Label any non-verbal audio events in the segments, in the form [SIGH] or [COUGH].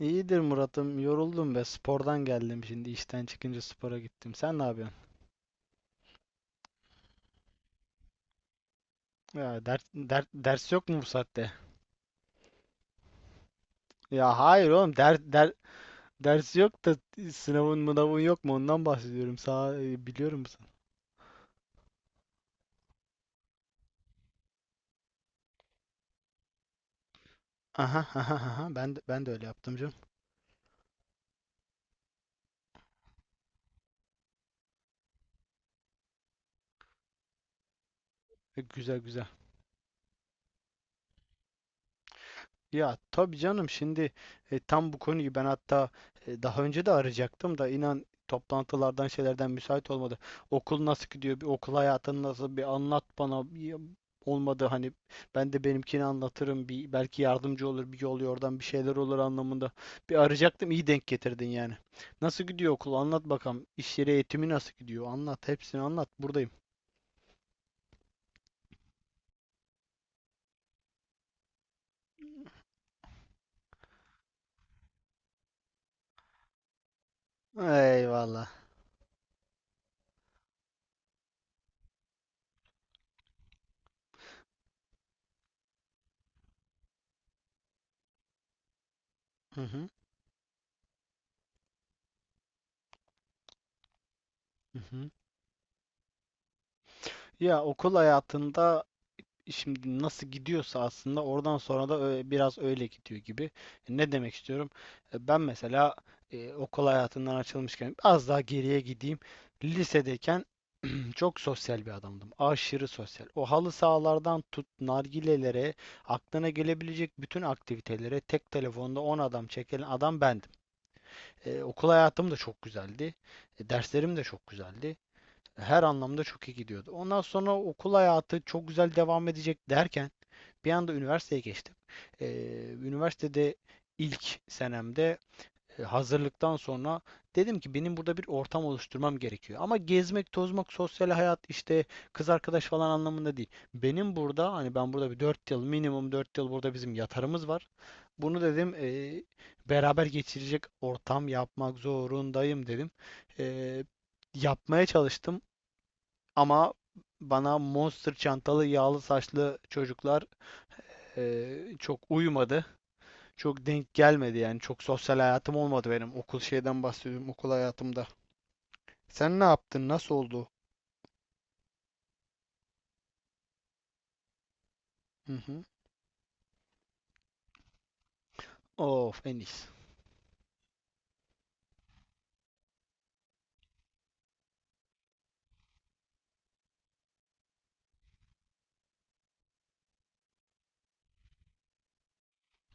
İyidir Murat'ım. Yoruldum be. Spordan geldim şimdi. İşten çıkınca spora gittim. Sen ne yapıyorsun? Ya ders yok mu bu saatte? Ya hayır oğlum. Ders yok da sınavın mınavın yok mu? Ondan bahsediyorum. Biliyorum musun? Aha aha aha. Ben de öyle yaptım canım. Güzel güzel. Ya tabii canım şimdi tam bu konuyu ben hatta daha önce de arayacaktım da inan, toplantılardan şeylerden müsait olmadı. Okul nasıl gidiyor? Bir okul hayatın nasıl? Bir anlat bana. Olmadı hani, ben de benimkini anlatırım. Bir belki yardımcı olur, bir yol yordan bir şeyler olur anlamında. Bir arayacaktım, iyi denk getirdin yani. Nasıl gidiyor okul? Anlat bakalım. İş yeri eğitimi nasıl gidiyor? Anlat, hepsini anlat. Buradayım. Eyvallah. Hı hı. Hı hı. Ya okul hayatında şimdi nasıl gidiyorsa aslında oradan sonra da biraz öyle gidiyor gibi. Ne demek istiyorum? Ben mesela okul hayatından açılmışken az daha geriye gideyim. Lisedeyken [CLEARS THROAT] çok sosyal bir adamdım. Aşırı sosyal. O halı sahalardan tut nargilelere, aklına gelebilecek bütün aktivitelere tek telefonda 10 adam çekilen adam bendim. Okul hayatım da çok güzeldi. Derslerim de çok güzeldi. Her anlamda çok iyi gidiyordu. Ondan sonra okul hayatı çok güzel devam edecek derken bir anda üniversiteye geçtim. Ee, Üniversitede ilk senemde hazırlıktan sonra dedim ki benim burada bir ortam oluşturmam gerekiyor. Ama gezmek, tozmak, sosyal hayat işte, kız arkadaş falan anlamında değil. Benim burada hani, ben burada bir 4 yıl, minimum 4 yıl burada bizim yatarımız var. Bunu dedim beraber geçirecek ortam yapmak zorundayım dedim. E, Yapmaya çalıştım. Ama bana monster çantalı, yağlı saçlı çocuklar çok uyumadı. Çok denk gelmedi yani. Çok sosyal hayatım olmadı benim. Okul, şeyden bahsediyorum, okul hayatımda. Sen ne yaptın? Nasıl oldu? Hı hı. Of.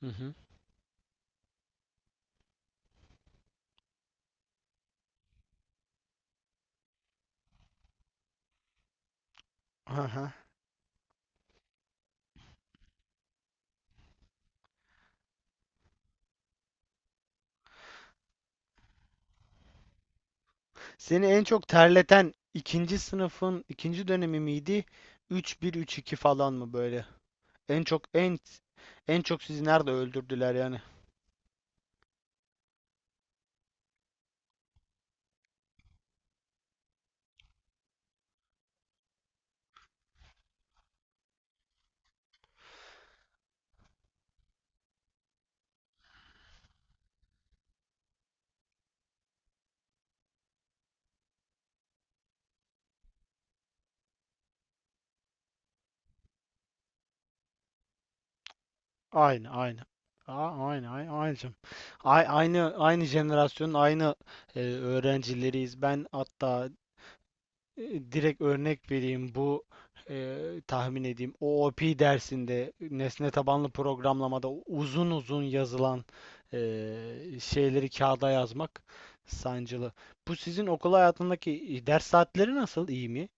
Hı hı. Aha. Seni en çok terleten ikinci sınıfın ikinci dönemi miydi? Üç bir, üç iki falan mı böyle? En çok en en çok sizi nerede öldürdüler yani? Aynı, aynı. Aynı, aynı, aynı, canım. Aynı jenerasyonun aynı öğrencileriyiz. Ben hatta direkt örnek vereyim, bu tahmin edeyim. O OOP dersinde, nesne tabanlı programlamada uzun uzun yazılan şeyleri kağıda yazmak sancılı. Bu sizin okul hayatındaki ders saatleri nasıl? İyi mi?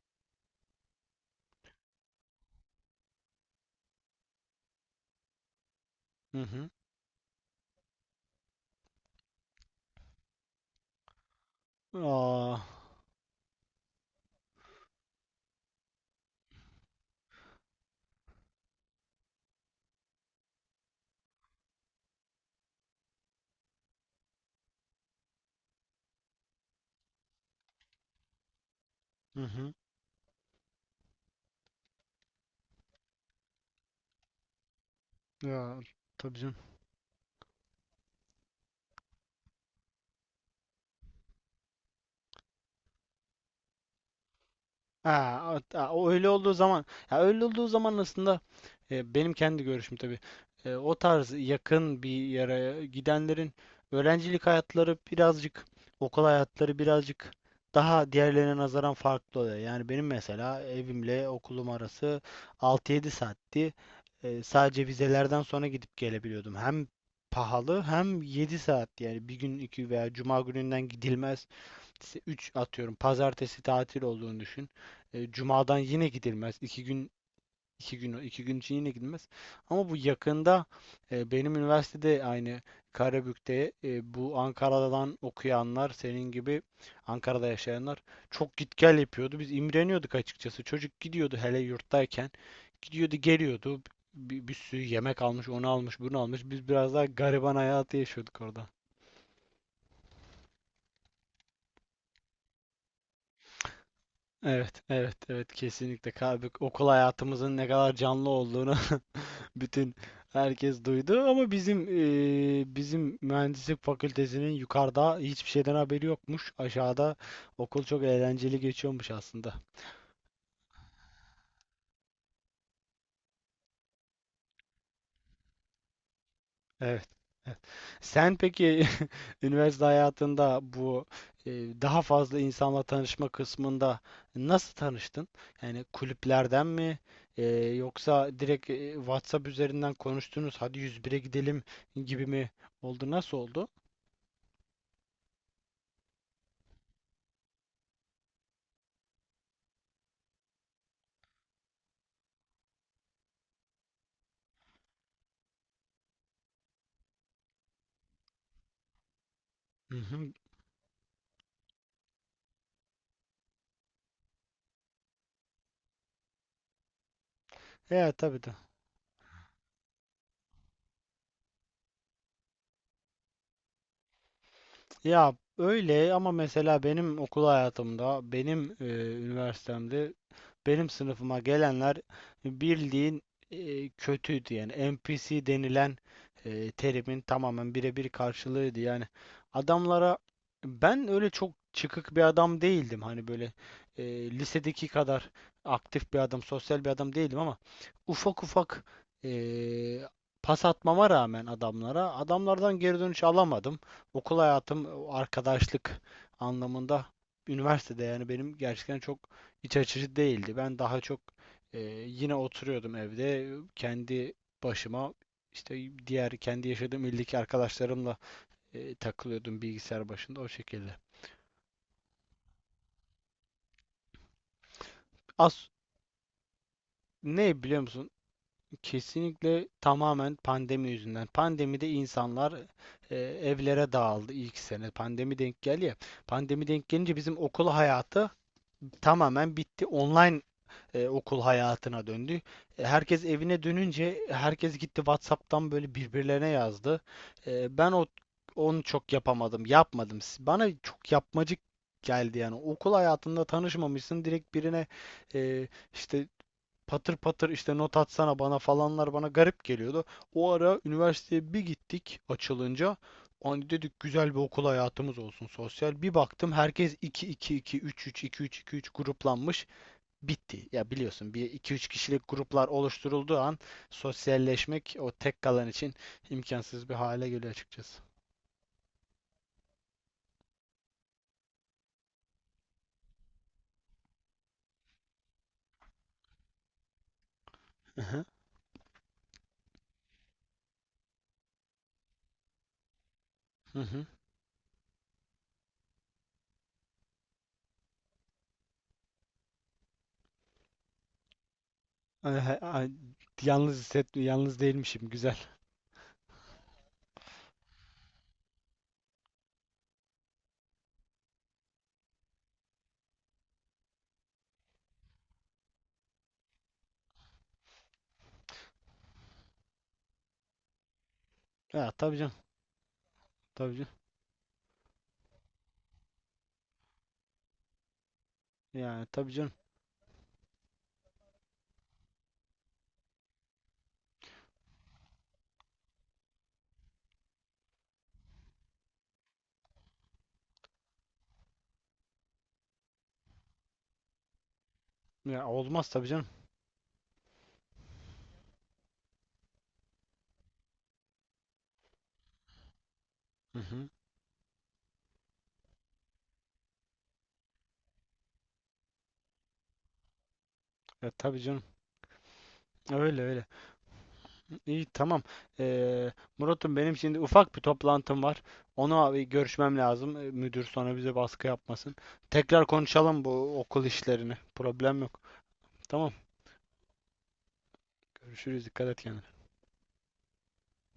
Hı hı. Aa, hı hı. Ya, tabii canım. Ha, a- a- o öyle olduğu zaman ya öyle olduğu zaman aslında, benim kendi görüşüm tabii. O tarz yakın bir yere gidenlerin öğrencilik hayatları birazcık, okul hayatları birazcık daha diğerlerine nazaran farklı oluyor. Yani benim mesela evimle okulum arası 6-7 saatti. Sadece vizelerden sonra gidip gelebiliyordum. Hem pahalı hem 7 saat, yani bir gün, iki, veya cuma gününden gidilmez, üç, atıyorum pazartesi tatil olduğunu düşün. Cumadan yine gidilmez. İki gün için yine gidilmez. Ama bu yakında benim üniversitede aynı Karabük'te, bu Ankara'dan okuyanlar, senin gibi Ankara'da yaşayanlar çok git gel yapıyordu. Biz imreniyorduk açıkçası. Çocuk gidiyordu hele yurttayken. Gidiyordu, geliyordu. Bir sürü yemek almış, onu almış, bunu almış. Biz biraz daha gariban hayatı yaşıyorduk orada. Evet, evet, evet, kesinlikle. Okul hayatımızın ne kadar canlı olduğunu [LAUGHS] bütün herkes duydu, ama bizim mühendislik fakültesinin yukarıda hiçbir şeyden haberi yokmuş. Aşağıda okul çok eğlenceli geçiyormuş aslında. Evet. Evet. Sen peki [LAUGHS] üniversite hayatında bu, e, daha fazla insanla tanışma kısmında nasıl tanıştın? Yani kulüplerden mi, yoksa direkt WhatsApp üzerinden konuştunuz, hadi 101'e gidelim gibi mi oldu? Nasıl oldu? Hı hı. Evet, tabii. Ya öyle ama, mesela benim okul hayatımda, benim üniversitemde, benim sınıfıma gelenler bildiğin kötüydü. Yani NPC denilen terimin tamamen birebir karşılığıydı yani adamlara. Ben öyle çok çıkık bir adam değildim, hani böyle lisedeki kadar aktif bir adam, sosyal bir adam değildim ama ufak ufak e, pas atmama rağmen adamlara, adamlardan geri dönüş alamadım. Okul hayatım, arkadaşlık anlamında üniversitede yani benim gerçekten çok iç açıcı değildi. Ben daha çok e, yine oturuyordum evde kendi başıma, işte diğer kendi yaşadığım ildeki arkadaşlarımla takılıyordum bilgisayar başında o şekilde. Az, ne biliyor musun? Kesinlikle tamamen pandemi yüzünden. Pandemide insanlar evlere dağıldı ilk sene. Pandemi denk geldi ya. Pandemi denk gelince bizim okul hayatı tamamen bitti. Online okul hayatına döndü. Herkes evine dönünce herkes gitti, WhatsApp'tan böyle birbirlerine yazdı. Ben onu çok yapamadım, yapmadım. Bana çok yapmacık geldi yani. Okul hayatında tanışmamışsın, direkt birine e, işte patır patır işte not atsana bana falanlar bana garip geliyordu. O ara üniversiteye bir gittik açılınca. Hani dedik, güzel bir okul hayatımız olsun, sosyal. Bir baktım, herkes iki iki, iki üç, üç iki, üç iki, üç gruplanmış, bitti. Ya biliyorsun, bir iki üç kişilik gruplar oluşturulduğu an sosyalleşmek o tek kalan için imkansız bir hale geliyor açıkçası. Hı hı. Hı hı. Ay, ay, ay, yalnız hisset, yalnız değilmişim. Güzel. Ya tabii canım. Tabii canım. Yani tabii canım. Ya olmaz tabii canım. Hı hı. Ya tabii canım. Öyle öyle. İyi, tamam. Ee, Murat'ım, benim şimdi ufak bir toplantım var. Ona bir görüşmem lazım. Müdür sonra bize baskı yapmasın. Tekrar konuşalım bu okul işlerini. Problem yok. Tamam. Görüşürüz. Dikkat et kendine.